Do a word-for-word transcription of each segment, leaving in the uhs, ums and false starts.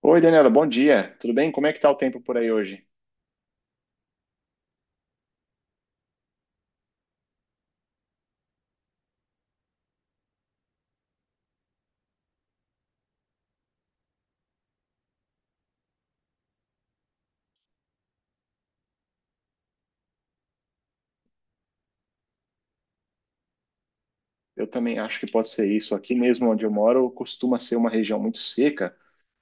Oi, Daniela, bom dia. Tudo bem? Como é que está o tempo por aí hoje? Eu também acho que pode ser isso. Aqui mesmo onde eu moro, costuma ser uma região muito seca.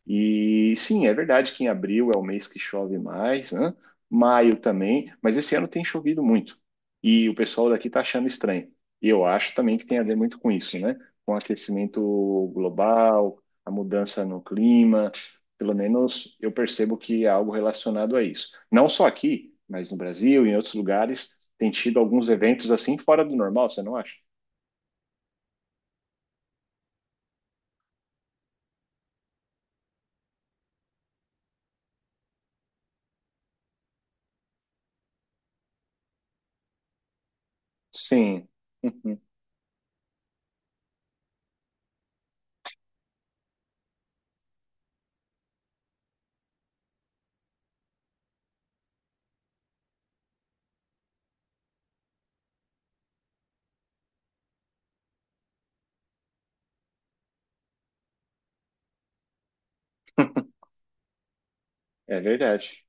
E sim, é verdade que em abril é o mês que chove mais, né? Maio também, mas esse ano tem chovido muito. E o pessoal daqui está achando estranho. E eu acho também que tem a ver muito com isso, né? Com o aquecimento global, a mudança no clima. Pelo menos eu percebo que é algo relacionado a isso. Não só aqui, mas no Brasil e em outros lugares tem tido alguns eventos assim fora do normal, você não acha? Sim, é verdade.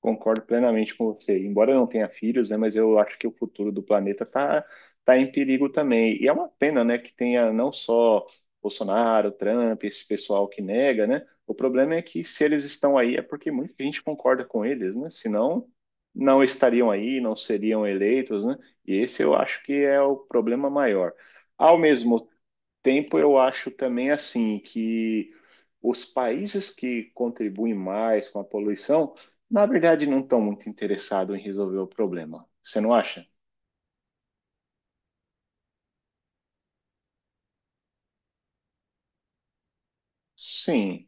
Concordo plenamente com você. Embora eu não tenha filhos, né, mas eu acho que o futuro do planeta está tá tá em perigo também. E é uma pena, né, que tenha não só Bolsonaro, Trump, esse pessoal que nega, né? O problema é que se eles estão aí é porque muita gente concorda com eles, né? Senão não estariam aí, não seriam eleitos, né? E esse eu acho que é o problema maior. Ao mesmo tempo, eu acho também assim que os países que contribuem mais com a poluição, na verdade, não estão muito interessados em resolver o problema. Você não acha? Sim.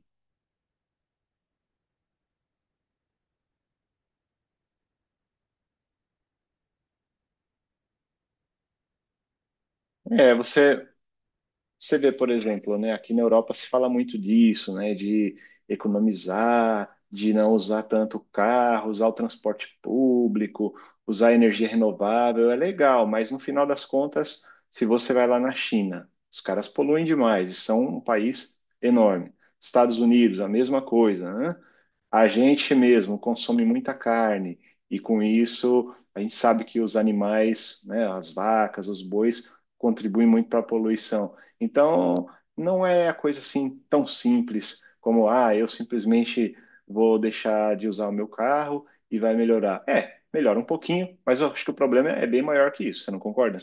É, você Você vê, por exemplo, né, aqui na Europa se fala muito disso, né, de economizar, de não usar tanto o carro, usar o transporte público, usar energia renovável, é legal, mas no final das contas, se você vai lá na China, os caras poluem demais e são um país enorme. Estados Unidos, a mesma coisa, né? A gente mesmo consome muita carne e com isso a gente sabe que os animais, né, as vacas, os bois, contribuem muito para a poluição. Então, não é a coisa assim tão simples como, ah, eu simplesmente vou deixar de usar o meu carro e vai melhorar. É, melhora um pouquinho, mas eu acho que o problema é bem maior que isso, você não concorda?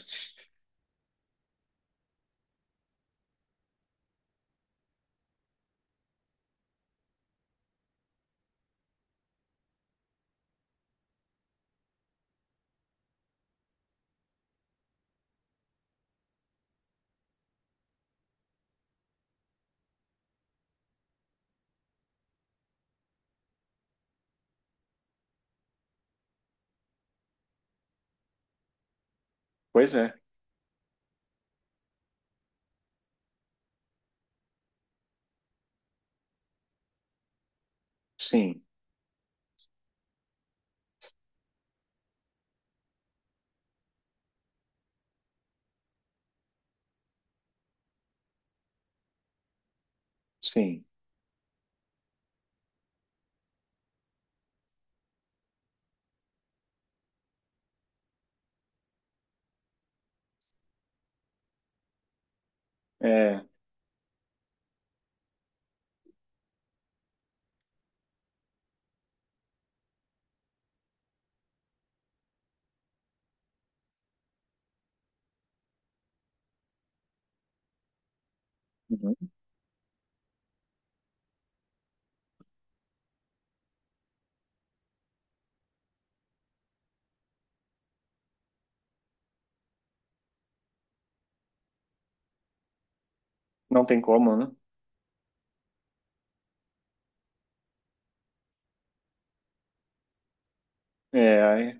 Pois é, sim, sim. É, não tem como, né? É,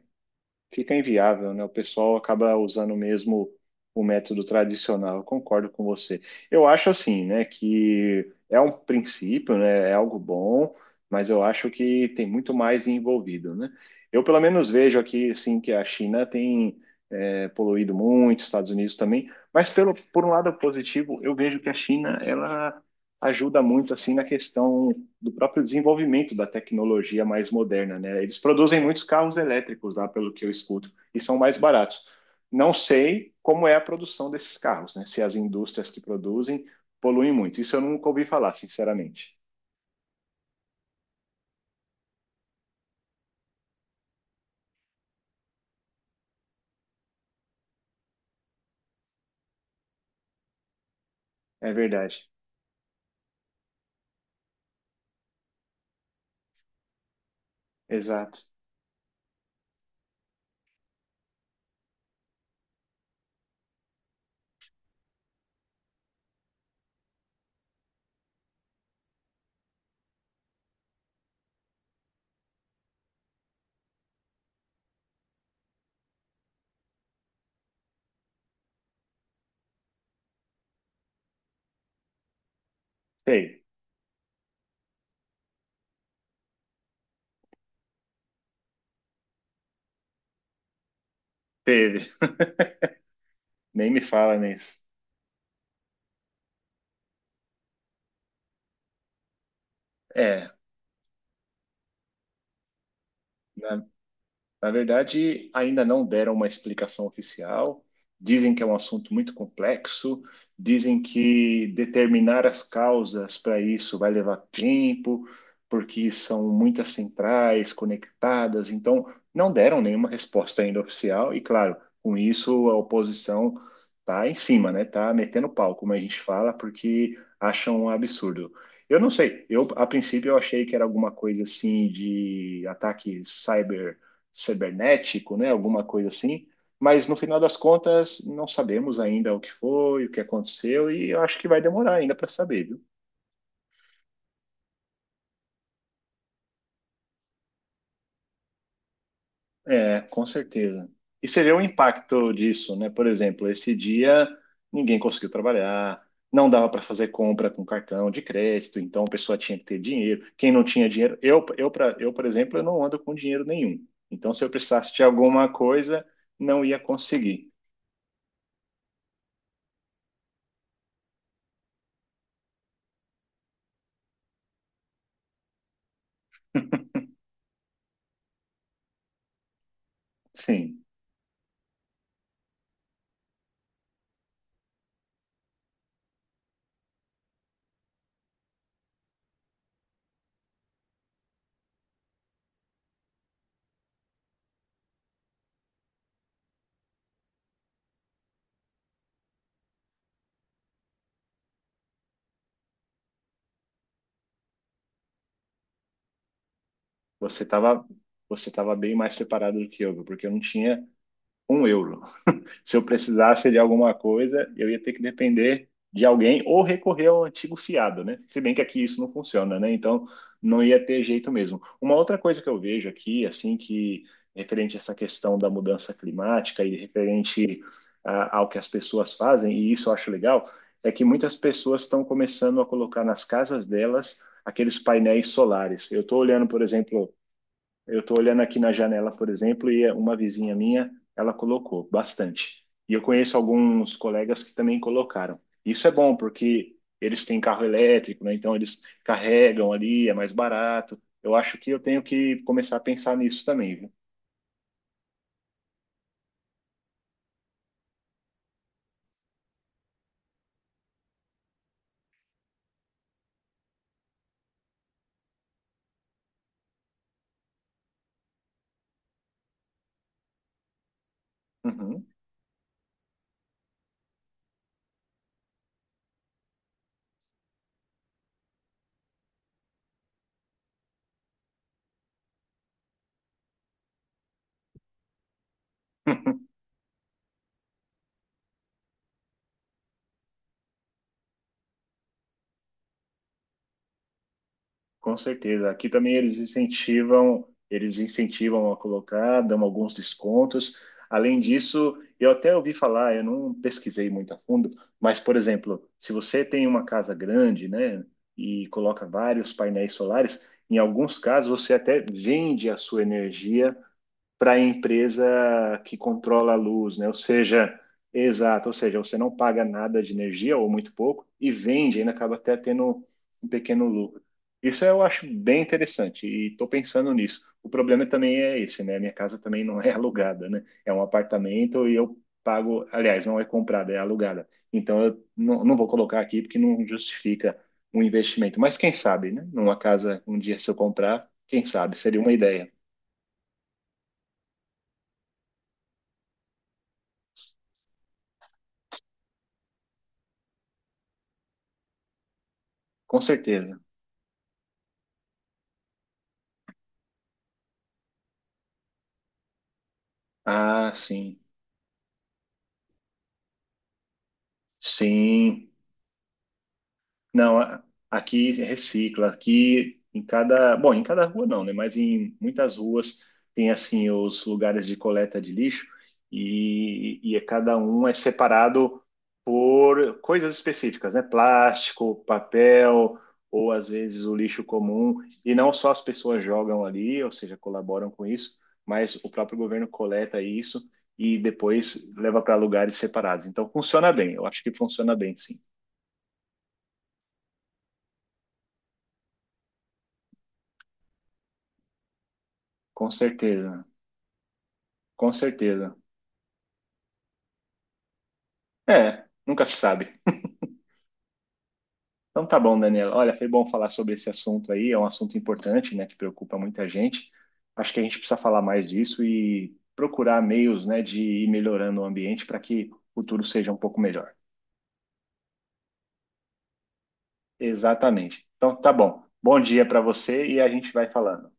fica inviável, né? O pessoal acaba usando mesmo o método tradicional. Eu concordo com você. Eu acho assim, né, que é um princípio, né? É algo bom, mas eu acho que tem muito mais envolvido, né? Eu pelo menos vejo aqui, assim, que a China tem é, poluído muito, Estados Unidos também, mas pelo por um lado positivo, eu vejo que a China ela ajuda muito assim na questão do próprio desenvolvimento da tecnologia mais moderna, né? Eles produzem muitos carros elétricos lá, pelo que eu escuto, e são mais baratos. Não sei como é a produção desses carros, né? Se as indústrias que produzem poluem muito. Isso eu nunca ouvi falar, sinceramente. É verdade. Exato. Sei. Teve. Nem me fala nisso. É, na Na verdade, ainda não deram uma explicação oficial. Dizem que é um assunto muito complexo, dizem que determinar as causas para isso vai levar tempo, porque são muitas centrais conectadas. Então, não deram nenhuma resposta ainda oficial. E, claro, com isso a oposição está em cima, né? Tá metendo pau, como a gente fala, porque acham um absurdo. Eu não sei. Eu, a princípio, eu achei que era alguma coisa assim de ataque cyber cibernético, né? Alguma coisa assim. Mas no final das contas, não sabemos ainda o que foi, o que aconteceu, e eu acho que vai demorar ainda para saber, viu? É, com certeza. E você vê o impacto disso, né? Por exemplo, esse dia ninguém conseguiu trabalhar, não dava para fazer compra com cartão de crédito, então a pessoa tinha que ter dinheiro. Quem não tinha dinheiro, eu, eu, pra, eu, por exemplo, eu não ando com dinheiro nenhum. Então, se eu precisasse de alguma coisa, não ia conseguir. Sim. Você estava você tava bem mais preparado do que eu, porque eu não tinha um euro. Se eu precisasse de alguma coisa, eu ia ter que depender de alguém ou recorrer ao antigo fiado, né? Se bem que aqui isso não funciona, né? Então não ia ter jeito mesmo. Uma outra coisa que eu vejo aqui, assim, que referente a essa questão da mudança climática e referente ah, ao que as pessoas fazem, e isso eu acho legal, é que muitas pessoas estão começando a colocar nas casas delas aqueles painéis solares. Eu estou olhando, por exemplo, eu estou olhando aqui na janela, por exemplo, e uma vizinha minha, ela colocou bastante. E eu conheço alguns colegas que também colocaram. Isso é bom, porque eles têm carro elétrico, né? Então eles carregam ali, é mais barato. Eu acho que eu tenho que começar a pensar nisso também, viu? Uhum. Com certeza. Aqui também eles incentivam, eles incentivam a colocar, dão alguns descontos. Além disso, eu até ouvi falar, eu não pesquisei muito a fundo, mas, por exemplo, se você tem uma casa grande, né, e coloca vários painéis solares, em alguns casos você até vende a sua energia para a empresa que controla a luz, né? Ou seja, exato, ou seja, você não paga nada de energia ou muito pouco e vende, ainda acaba até tendo um pequeno lucro. Isso eu acho bem interessante e estou pensando nisso. O problema também é esse, né? Minha casa também não é alugada, né? É um apartamento e eu pago, aliás, não é comprada, é alugada. Então eu não, não vou colocar aqui porque não justifica um investimento. Mas quem sabe, né? Numa casa, um dia se eu comprar, quem sabe? Seria uma ideia, com certeza. Ah, sim. Sim. Não, a- aqui recicla, aqui em cada, bom, em cada rua não, né? Mas em muitas ruas tem assim os lugares de coleta de lixo e, e é- cada um é separado por coisas específicas, né? Plástico, papel ou às vezes o lixo comum e não só as pessoas jogam ali, ou seja, colaboram com isso, mas o próprio governo coleta isso e depois leva para lugares separados. Então funciona bem, eu acho que funciona bem, sim, com certeza. Com certeza. É, nunca se sabe. Então tá bom, Daniela. Olha, foi bom falar sobre esse assunto aí. É um assunto importante, né, que preocupa muita gente. Acho que a gente precisa falar mais disso e procurar meios, né, de ir melhorando o ambiente para que o futuro seja um pouco melhor. Exatamente. Então tá bom. Bom dia para você e a gente vai falando.